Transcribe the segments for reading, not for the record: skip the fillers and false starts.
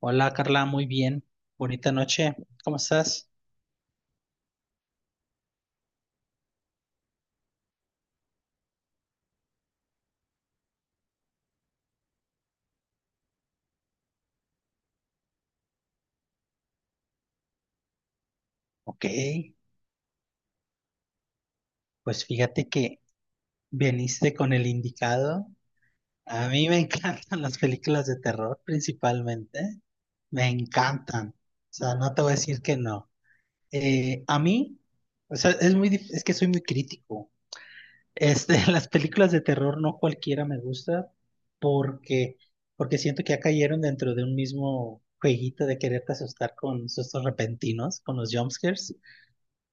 Hola Carla, muy bien. Bonita noche. ¿Cómo estás? Ok, pues fíjate que veniste con el indicado. A mí me encantan las películas de terror principalmente. Me encantan. O sea, no te voy a decir que no. Eh, a mí, o sea, es es que soy muy crítico. Las películas de terror no cualquiera me gusta porque, porque siento que ya cayeron dentro de un mismo jueguito de quererte asustar con sustos repentinos, con los jumpscares.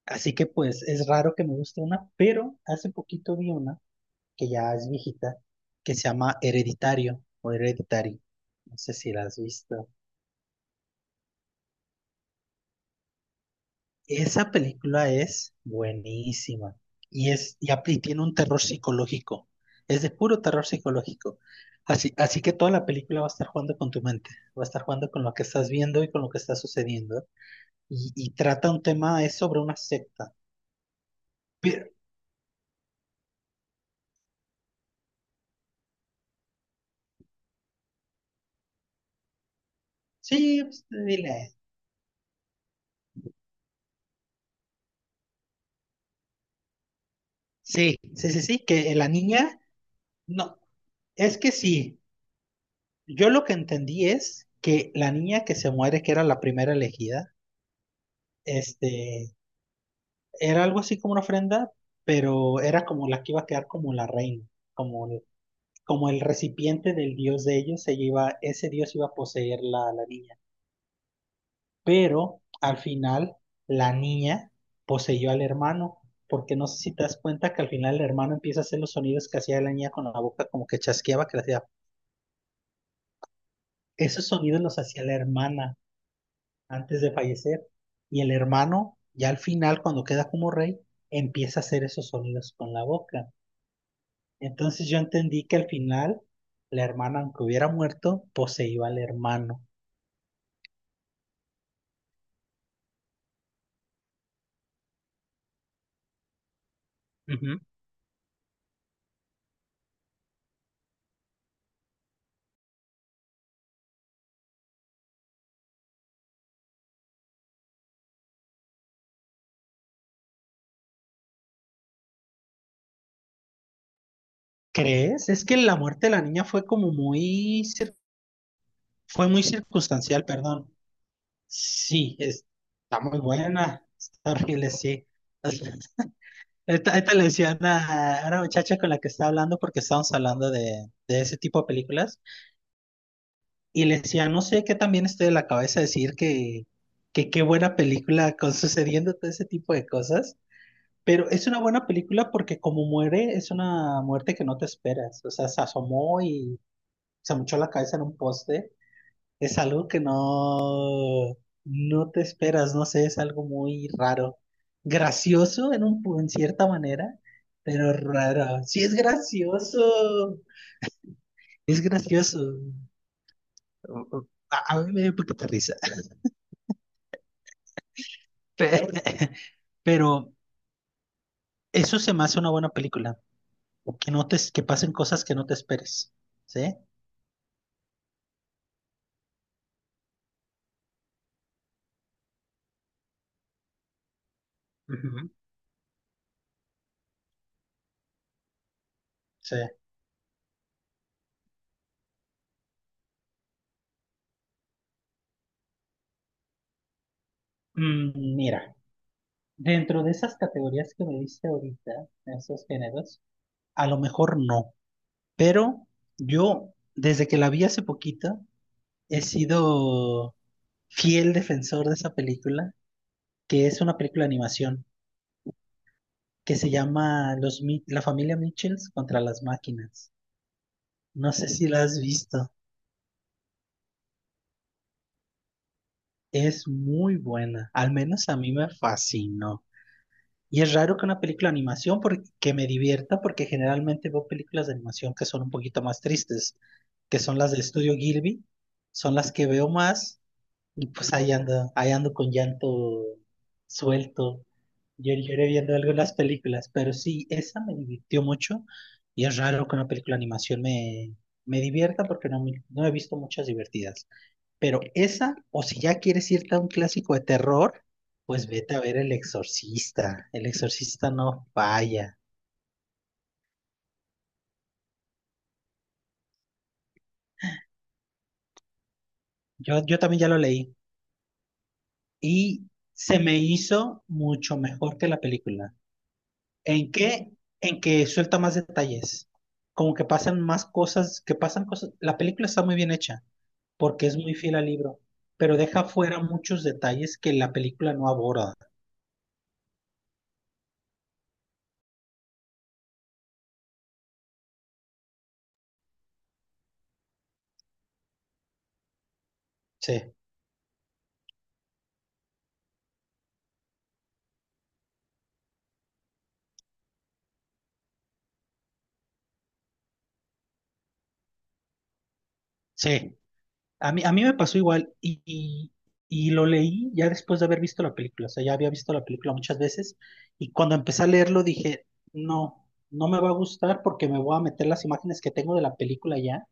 Así que pues es raro que me guste una, pero hace poquito vi una que ya es viejita, que se llama Hereditario o Hereditary. No sé si la has visto. Esa película es buenísima y tiene un terror psicológico. Es de puro terror psicológico. Así que toda la película va a estar jugando con tu mente, va a estar jugando con lo que estás viendo y con lo que está sucediendo. Y trata un tema, es sobre una secta. Pero, sí, pues, dile. Sí, sí, sí, sí, que la niña. No, es que sí. Yo lo que entendí es que la niña que se muere, que era la primera elegida, este, era algo así como una ofrenda, pero era como la que iba a quedar como la reina, como el, como el recipiente del dios de ellos, ella iba, ese dios iba a poseer la niña. Pero al final, la niña poseyó al hermano, porque no sé si te das cuenta que al final el hermano empieza a hacer los sonidos que hacía la niña con la boca, como que chasqueaba, que le hacía. Esos sonidos los hacía la hermana antes de fallecer. Y el hermano, ya al final, cuando queda como rey, empieza a hacer esos sonidos con la boca. Entonces yo entendí que al final, la hermana, aunque hubiera muerto, poseía al hermano. Ujú. ¿Crees? Es que la muerte de la niña fue como fue muy circunstancial, perdón. Sí, está muy buena, está horrible, sí. Esta le decía a a una muchacha con la que estaba hablando porque estábamos hablando de ese tipo de películas. Y le decía, no sé qué también estoy de la cabeza decir que qué buena película con sucediendo todo ese tipo de cosas. Pero es una buena película porque como muere, es una muerte que no te esperas. O sea, se asomó y se mochó la cabeza en un poste. Es algo que no, no te esperas, no sé, es algo muy raro. Gracioso en un, en cierta manera, pero raro. Sí, es gracioso. Es gracioso. A mí me dio un poquito de risa. Pe- Pero eso se me hace una buena película. Que pasen cosas que no te esperes. ¿Sí? Ujú. Sí. Mm, mira, dentro de esas categorías que me diste ahorita, esos géneros, a lo mejor no. Pero yo, desde que la vi hace poquito, he sido fiel defensor de esa película, que es una película de animación, que se llama La familia Mitchells contra las máquinas. No sé si la has visto. Es muy buena, al menos a mí me fascinó. Y es raro que una película de animación que me divierta, porque generalmente veo películas de animación que son un poquito más tristes, que son las del estudio Gilby, son las que veo más, y pues ahí ando con llanto suelto. Yo lloré viendo algo en las películas, pero sí, esa me divirtió mucho, y es raro que una película de animación me divierta porque no he visto muchas divertidas. Pero esa, o si ya quieres irte a un clásico de terror, pues vete a ver El Exorcista. El Exorcista no falla. Yo también ya lo leí y se me hizo mucho mejor que la película. ¿En qué? En que suelta más detalles. Como que pasan más cosas, que pasan cosas. La película está muy bien hecha porque es muy fiel al libro, pero deja fuera muchos detalles que la película no aborda. Sí, sí. A mí me pasó igual y lo leí ya después de haber visto la película, o sea, ya había visto la película muchas veces y cuando empecé a leerlo dije, no, no me va a gustar porque me voy a meter las imágenes que tengo de la película ya,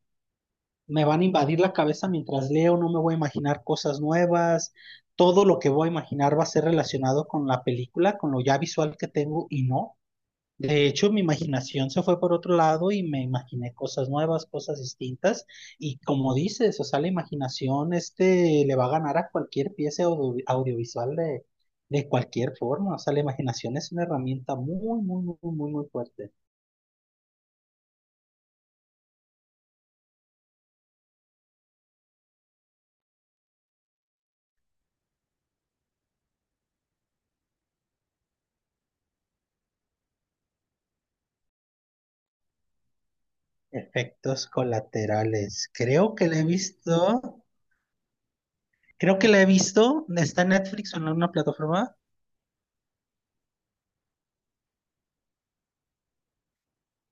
me van a invadir la cabeza mientras leo, no me voy a imaginar cosas nuevas, todo lo que voy a imaginar va a ser relacionado con la película, con lo ya visual que tengo y no. De hecho, mi imaginación se fue por otro lado y me imaginé cosas nuevas, cosas distintas. Y como dices, o sea, la imaginación este le va a ganar a cualquier pieza audiovisual de cualquier forma. O sea, la imaginación es una herramienta muy fuerte. Efectos colaterales. Creo que la he visto. Creo que la he visto. Está en Netflix o en alguna plataforma.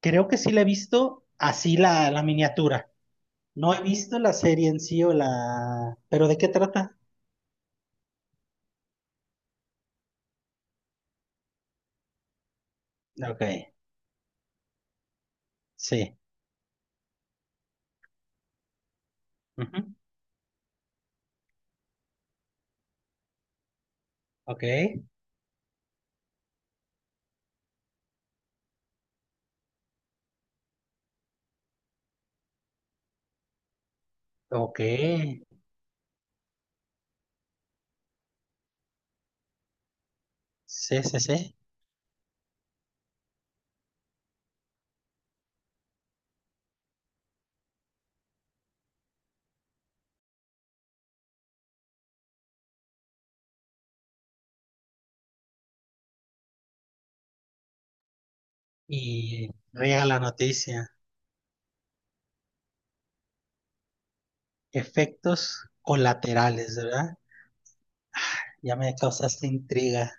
Creo que sí la he visto así la miniatura. No he visto la serie en sí o la... ¿Pero de qué trata? Ok, sí. Ujú. Ok, ok. Sí, sí, sí. Y riega la noticia. Efectos colaterales, ¿verdad? Ya me causaste intriga.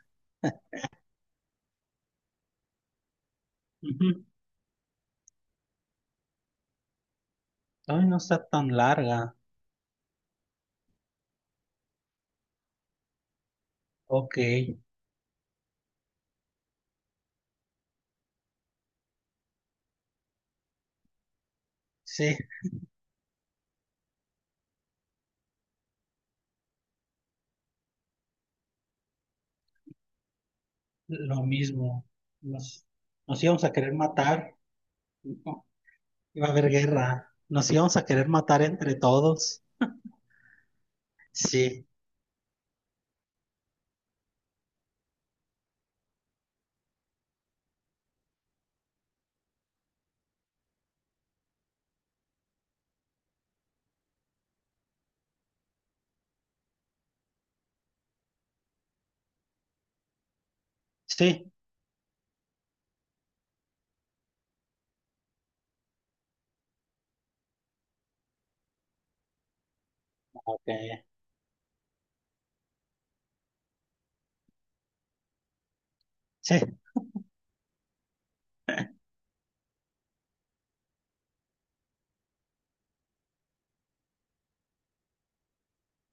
Ujú. Ay, no está tan larga. Ok, sí, lo mismo. Nos, nos íbamos a querer matar. No, iba a haber guerra. Nos íbamos a querer matar entre todos. Sí, sí. Ok, sí,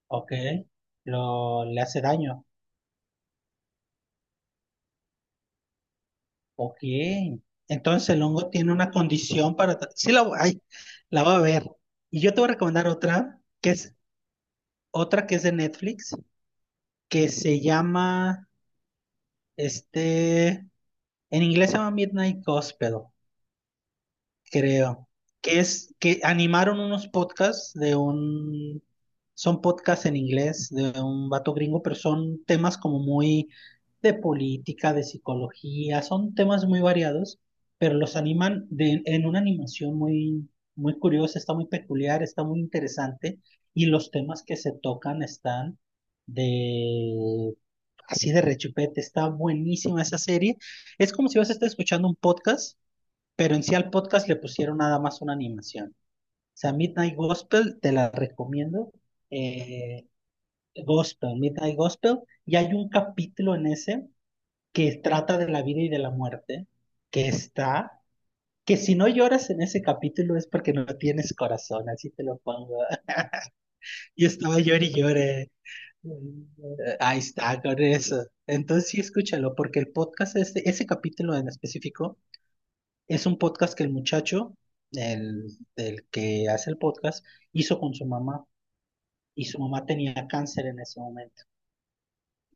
ok. Le hace daño. Ok. Entonces el hongo tiene una condición para... Sí, voy ay, la va a ver. Y yo te voy a recomendar otra que es de Netflix, que se llama, este, en inglés se llama Midnight Gospel. Creo, que es que animaron unos podcasts de un, son podcasts en inglés de un vato gringo, pero son temas como muy de política, de psicología, son temas muy variados, pero los animan en una animación muy curiosa, está muy peculiar, está muy interesante, y los temas que se tocan están de... Así de rechupete, está buenísima esa serie. Es como si vas a estar escuchando un podcast pero en sí al podcast le pusieron nada más una animación. O sea, Midnight Gospel, te la recomiendo. eh, Gospel, Midnight Gospel, y hay un capítulo en ese que trata de la vida y de la muerte, que está, que si no lloras en ese capítulo es porque no tienes corazón, así te lo pongo. Y estaba llorando y lloré. Ahí está, con eso. Entonces sí, escúchalo, porque el podcast, ese capítulo en específico. Es un podcast que el, el que hace el podcast, hizo con su mamá y su mamá tenía cáncer en ese momento.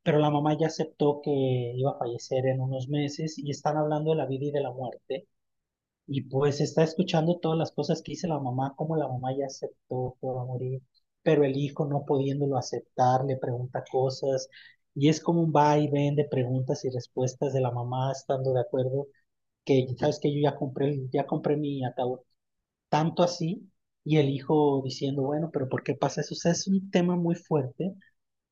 Pero la mamá ya aceptó que iba a fallecer en unos meses y están hablando de la vida y de la muerte. Y pues está escuchando todas las cosas que dice la mamá, como la mamá ya aceptó que va a morir, pero el hijo no pudiéndolo aceptar, le pregunta cosas y es como un va y ven de preguntas y respuestas de la mamá estando de acuerdo que sabes que yo ya compré mi ataúd tanto así, y el hijo diciendo, bueno, pero ¿por qué pasa eso? O sea, es un tema muy fuerte,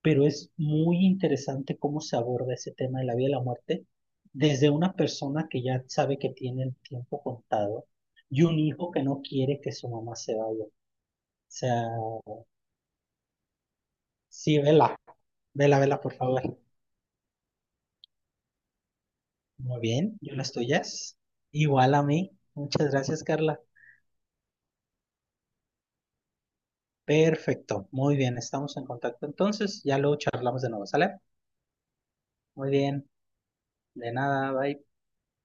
pero es muy interesante cómo se aborda ese tema de la vida y la muerte desde una persona que ya sabe que tiene el tiempo contado y un hijo que no quiere que su mamá se vaya. O sea, sí, vela, vela, vela, por favor. Muy bien, yo las tuyas. Igual a mí. Muchas gracias, Carla. Perfecto, muy bien, estamos en contacto entonces, ya luego charlamos de nuevo, ¿sale? Muy bien, de nada, bye.